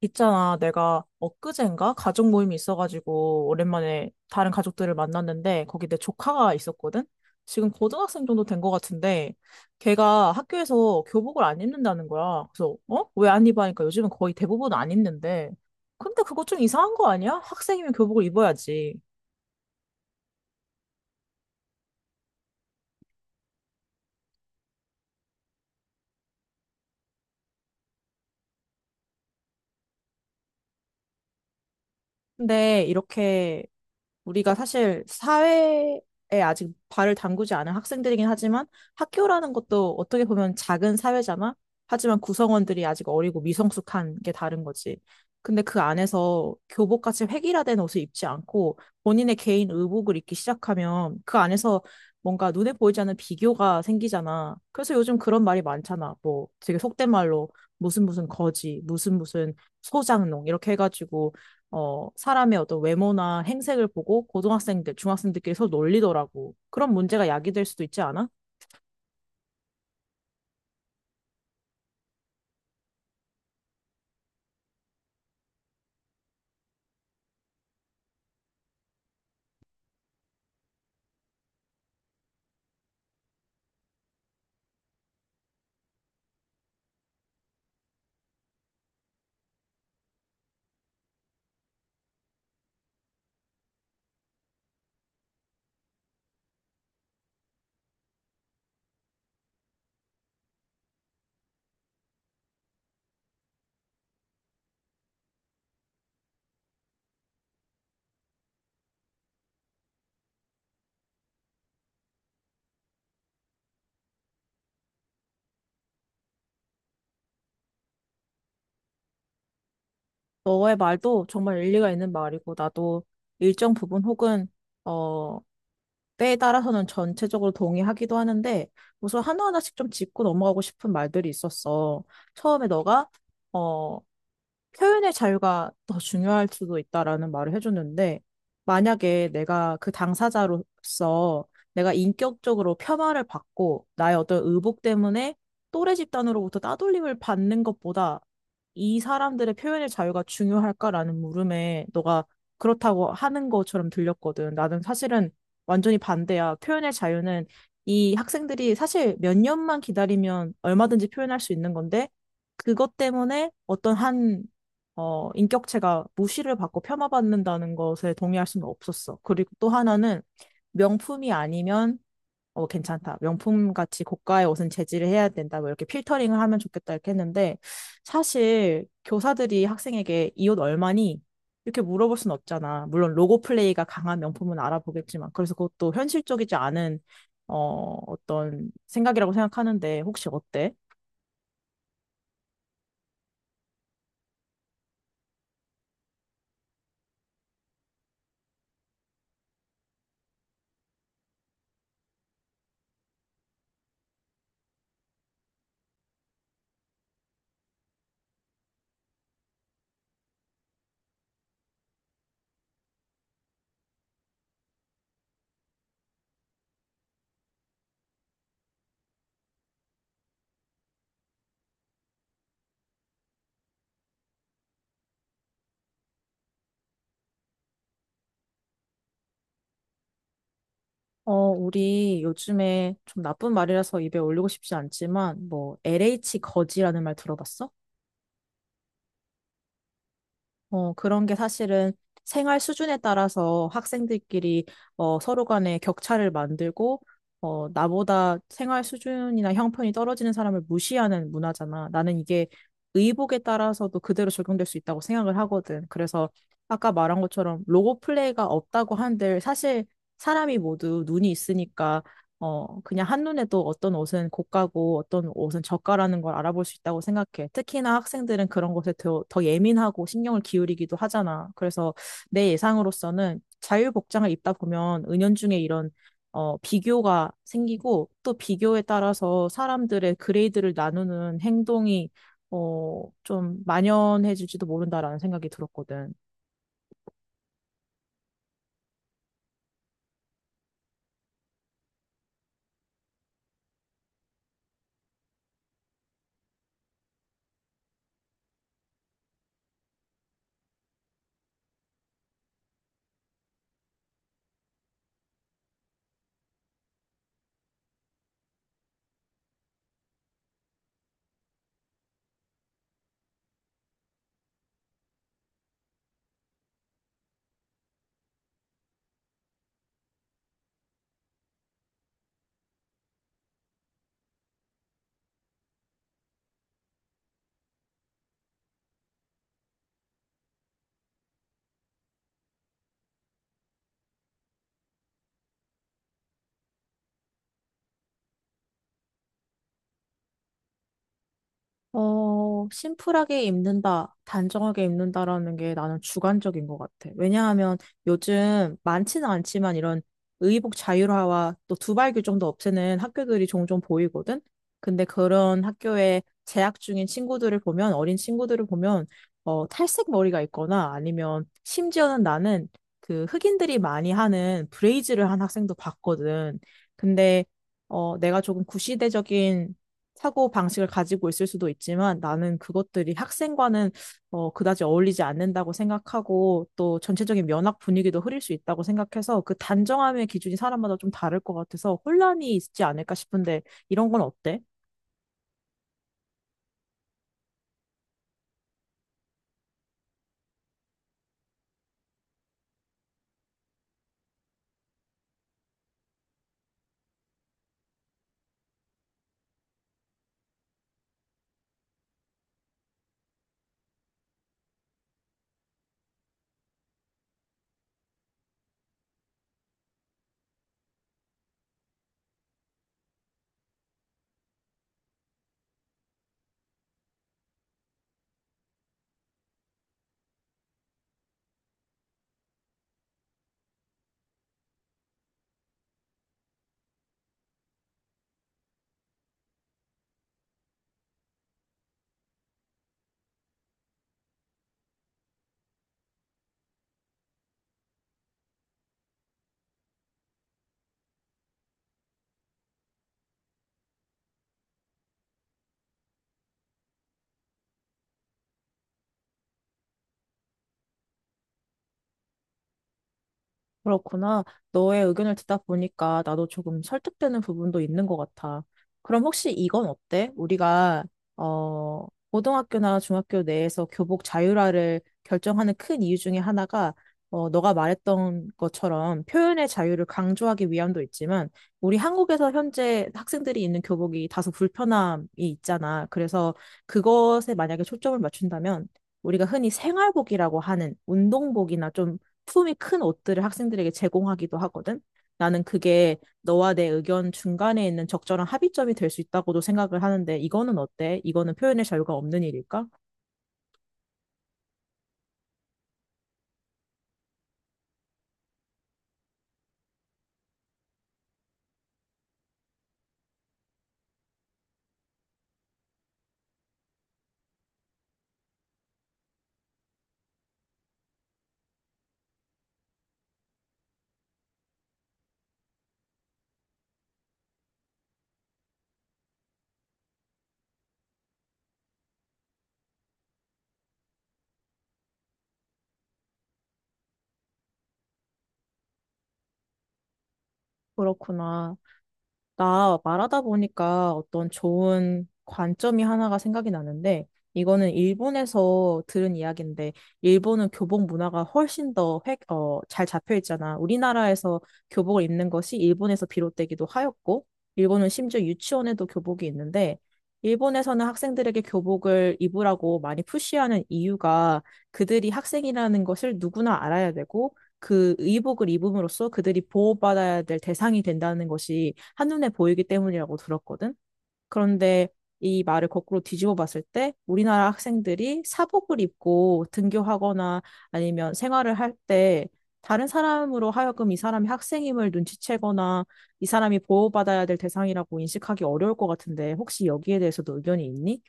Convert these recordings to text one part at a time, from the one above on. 있잖아, 내가 엊그젠가 가족 모임이 있어가지고 오랜만에 다른 가족들을 만났는데 거기 내 조카가 있었거든? 지금 고등학생 정도 된 것 같은데 걔가 학교에서 교복을 안 입는다는 거야. 그래서 어? 왜 안 입어? 하니까 요즘은 거의 대부분 안 입는데 근데 그거 좀 이상한 거 아니야? 학생이면 교복을 입어야지. 근데 이렇게 우리가 사실 사회에 아직 발을 담그지 않은 학생들이긴 하지만 학교라는 것도 어떻게 보면 작은 사회잖아. 하지만 구성원들이 아직 어리고 미성숙한 게 다른 거지. 근데 그 안에서 교복같이 획일화된 옷을 입지 않고 본인의 개인 의복을 입기 시작하면 그 안에서 뭔가 눈에 보이지 않는 비교가 생기잖아. 그래서 요즘 그런 말이 많잖아. 뭐 되게 속된 말로 무슨 무슨 거지, 무슨 무슨 소장농 이렇게 해가지고 사람의 어떤 외모나 행색을 보고 고등학생들, 중학생들끼리 서로 놀리더라고. 그런 문제가 야기될 수도 있지 않아? 너의 말도 정말 일리가 있는 말이고, 나도 일정 부분 혹은, 어, 때에 따라서는 전체적으로 동의하기도 하는데, 우선 하나하나씩 좀 짚고 넘어가고 싶은 말들이 있었어. 처음에 너가, 어, 표현의 자유가 더 중요할 수도 있다라는 말을 해줬는데, 만약에 내가 그 당사자로서 내가 인격적으로 폄하를 받고 나의 어떤 의복 때문에 또래 집단으로부터 따돌림을 받는 것보다 이 사람들의 표현의 자유가 중요할까라는 물음에 너가 그렇다고 하는 것처럼 들렸거든. 나는 사실은 완전히 반대야. 표현의 자유는 이 학생들이 사실 몇 년만 기다리면 얼마든지 표현할 수 있는 건데, 그것 때문에 어떤 한 인격체가 무시를 받고 폄하받는다는 것에 동의할 수는 없었어. 그리고 또 하나는 명품이 아니면 괜찮다. 명품 같이 고가의 옷은 제지를 해야 된다. 뭐 이렇게 필터링을 하면 좋겠다 이렇게 했는데 사실 교사들이 학생에게 이 옷 얼마니? 이렇게 물어볼 순 없잖아. 물론 로고 플레이가 강한 명품은 알아보겠지만 그래서 그것도 현실적이지 않은 어떤 생각이라고 생각하는데 혹시 어때? 어, 우리 요즘에 좀 나쁜 말이라서 입에 올리고 싶지 않지만, 뭐, LH 거지라는 말 들어봤어? 어, 그런 게 사실은 생활 수준에 따라서 학생들끼리 서로 간에 격차를 만들고, 나보다 생활 수준이나 형편이 떨어지는 사람을 무시하는 문화잖아. 나는 이게 의복에 따라서도 그대로 적용될 수 있다고 생각을 하거든. 그래서 아까 말한 것처럼 로고 플레이가 없다고 한들 사실 사람이 모두 눈이 있으니까 그냥 한눈에 또 어떤 옷은 고가고 어떤 옷은 저가라는 걸 알아볼 수 있다고 생각해. 특히나 학생들은 그런 것에 더 예민하고 신경을 기울이기도 하잖아. 그래서 내 예상으로서는 자유복장을 입다 보면 은연중에 이런 비교가 생기고 또 비교에 따라서 사람들의 그레이드를 나누는 행동이 좀 만연해질지도 모른다라는 생각이 들었거든. 어, 심플하게 입는다, 단정하게 입는다라는 게 나는 주관적인 것 같아. 왜냐하면 요즘 많지는 않지만 이런 의복 자율화와 또 두발 규정도 없애는 학교들이 종종 보이거든? 근데 그런 학교에 재학 중인 친구들을 보면, 어린 친구들을 보면, 탈색 머리가 있거나 아니면 심지어는 나는 그 흑인들이 많이 하는 브레이즈를 한 학생도 봤거든. 근데 내가 조금 구시대적인 사고 방식을 가지고 있을 수도 있지만 나는 그것들이 학생과는 그다지 어울리지 않는다고 생각하고 또 전체적인 면학 분위기도 흐릴 수 있다고 생각해서 그 단정함의 기준이 사람마다 좀 다를 것 같아서 혼란이 있지 않을까 싶은데 이런 건 어때? 그렇구나. 너의 의견을 듣다 보니까 나도 조금 설득되는 부분도 있는 것 같아. 그럼 혹시 이건 어때? 우리가, 고등학교나 중학교 내에서 교복 자율화를 결정하는 큰 이유 중에 하나가, 너가 말했던 것처럼 표현의 자유를 강조하기 위함도 있지만, 우리 한국에서 현재 학생들이 입는 교복이 다소 불편함이 있잖아. 그래서 그것에 만약에 초점을 맞춘다면, 우리가 흔히 생활복이라고 하는 운동복이나 좀 품이 큰 옷들을 학생들에게 제공하기도 하거든. 나는 그게 너와 내 의견 중간에 있는 적절한 합의점이 될 수 있다고도 생각을 하는데 이거는 어때? 이거는 표현의 자유가 없는 일일까? 그렇구나. 나 말하다 보니까 어떤 좋은 관점이 하나가 생각이 나는데, 이거는 일본에서 들은 이야기인데, 일본은 교복 문화가 훨씬 더 잘 잡혀 있잖아. 우리나라에서 교복을 입는 것이 일본에서 비롯되기도 하였고, 일본은 심지어 유치원에도 교복이 있는데, 일본에서는 학생들에게 교복을 입으라고 많이 푸시하는 이유가 그들이 학생이라는 것을 누구나 알아야 되고, 그 의복을 입음으로써 그들이 보호받아야 될 대상이 된다는 것이 한눈에 보이기 때문이라고 들었거든. 그런데 이 말을 거꾸로 뒤집어 봤을 때 우리나라 학생들이 사복을 입고 등교하거나 아니면 생활을 할 때 다른 사람으로 하여금 이 사람이 학생임을 눈치채거나 이 사람이 보호받아야 될 대상이라고 인식하기 어려울 것 같은데 혹시 여기에 대해서도 의견이 있니?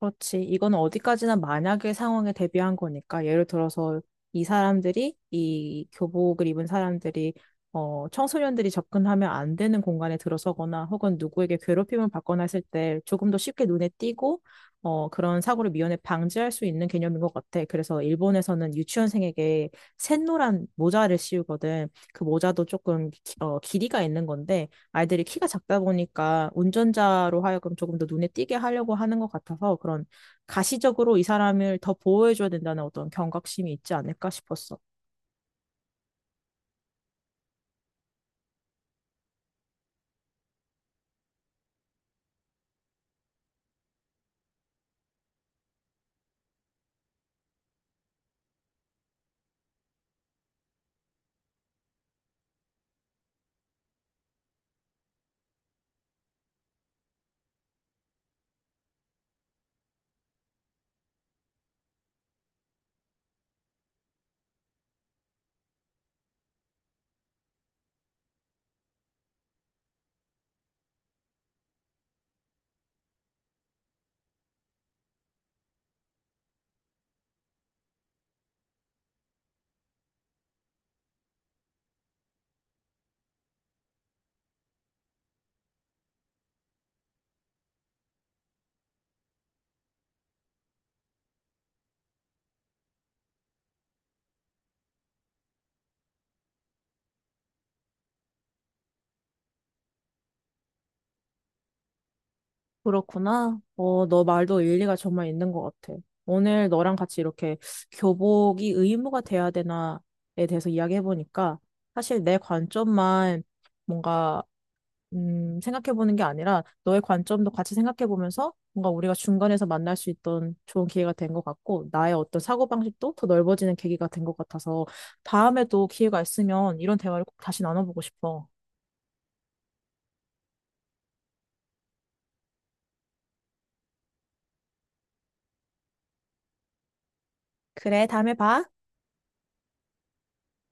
그렇지. 이건 어디까지나 만약의 상황에 대비한 거니까. 예를 들어서 이 사람들이, 이 교복을 입은 사람들이, 청소년들이 접근하면 안 되는 공간에 들어서거나 혹은 누구에게 괴롭힘을 받거나 했을 때 조금 더 쉽게 눈에 띄고, 그런 사고를 미연에 방지할 수 있는 개념인 것 같아. 그래서 일본에서는 유치원생에게 샛노란 모자를 씌우거든. 그 모자도 조금, 길이가 있는 건데, 아이들이 키가 작다 보니까 운전자로 하여금 조금 더 눈에 띄게 하려고 하는 것 같아서 그런 가시적으로 이 사람을 더 보호해줘야 된다는 어떤 경각심이 있지 않을까 싶었어. 그렇구나. 어, 너 말도 일리가 정말 있는 것 같아. 오늘 너랑 같이 이렇게 교복이 의무가 돼야 되나에 대해서 이야기해보니까 사실 내 관점만 뭔가 생각해보는 게 아니라 너의 관점도 같이 생각해보면서 뭔가 우리가 중간에서 만날 수 있던 좋은 기회가 된 것 같고 나의 어떤 사고방식도 더 넓어지는 계기가 된 것 같아서 다음에도 기회가 있으면 이런 대화를 꼭 다시 나눠보고 싶어. 그래, 다음에 봐.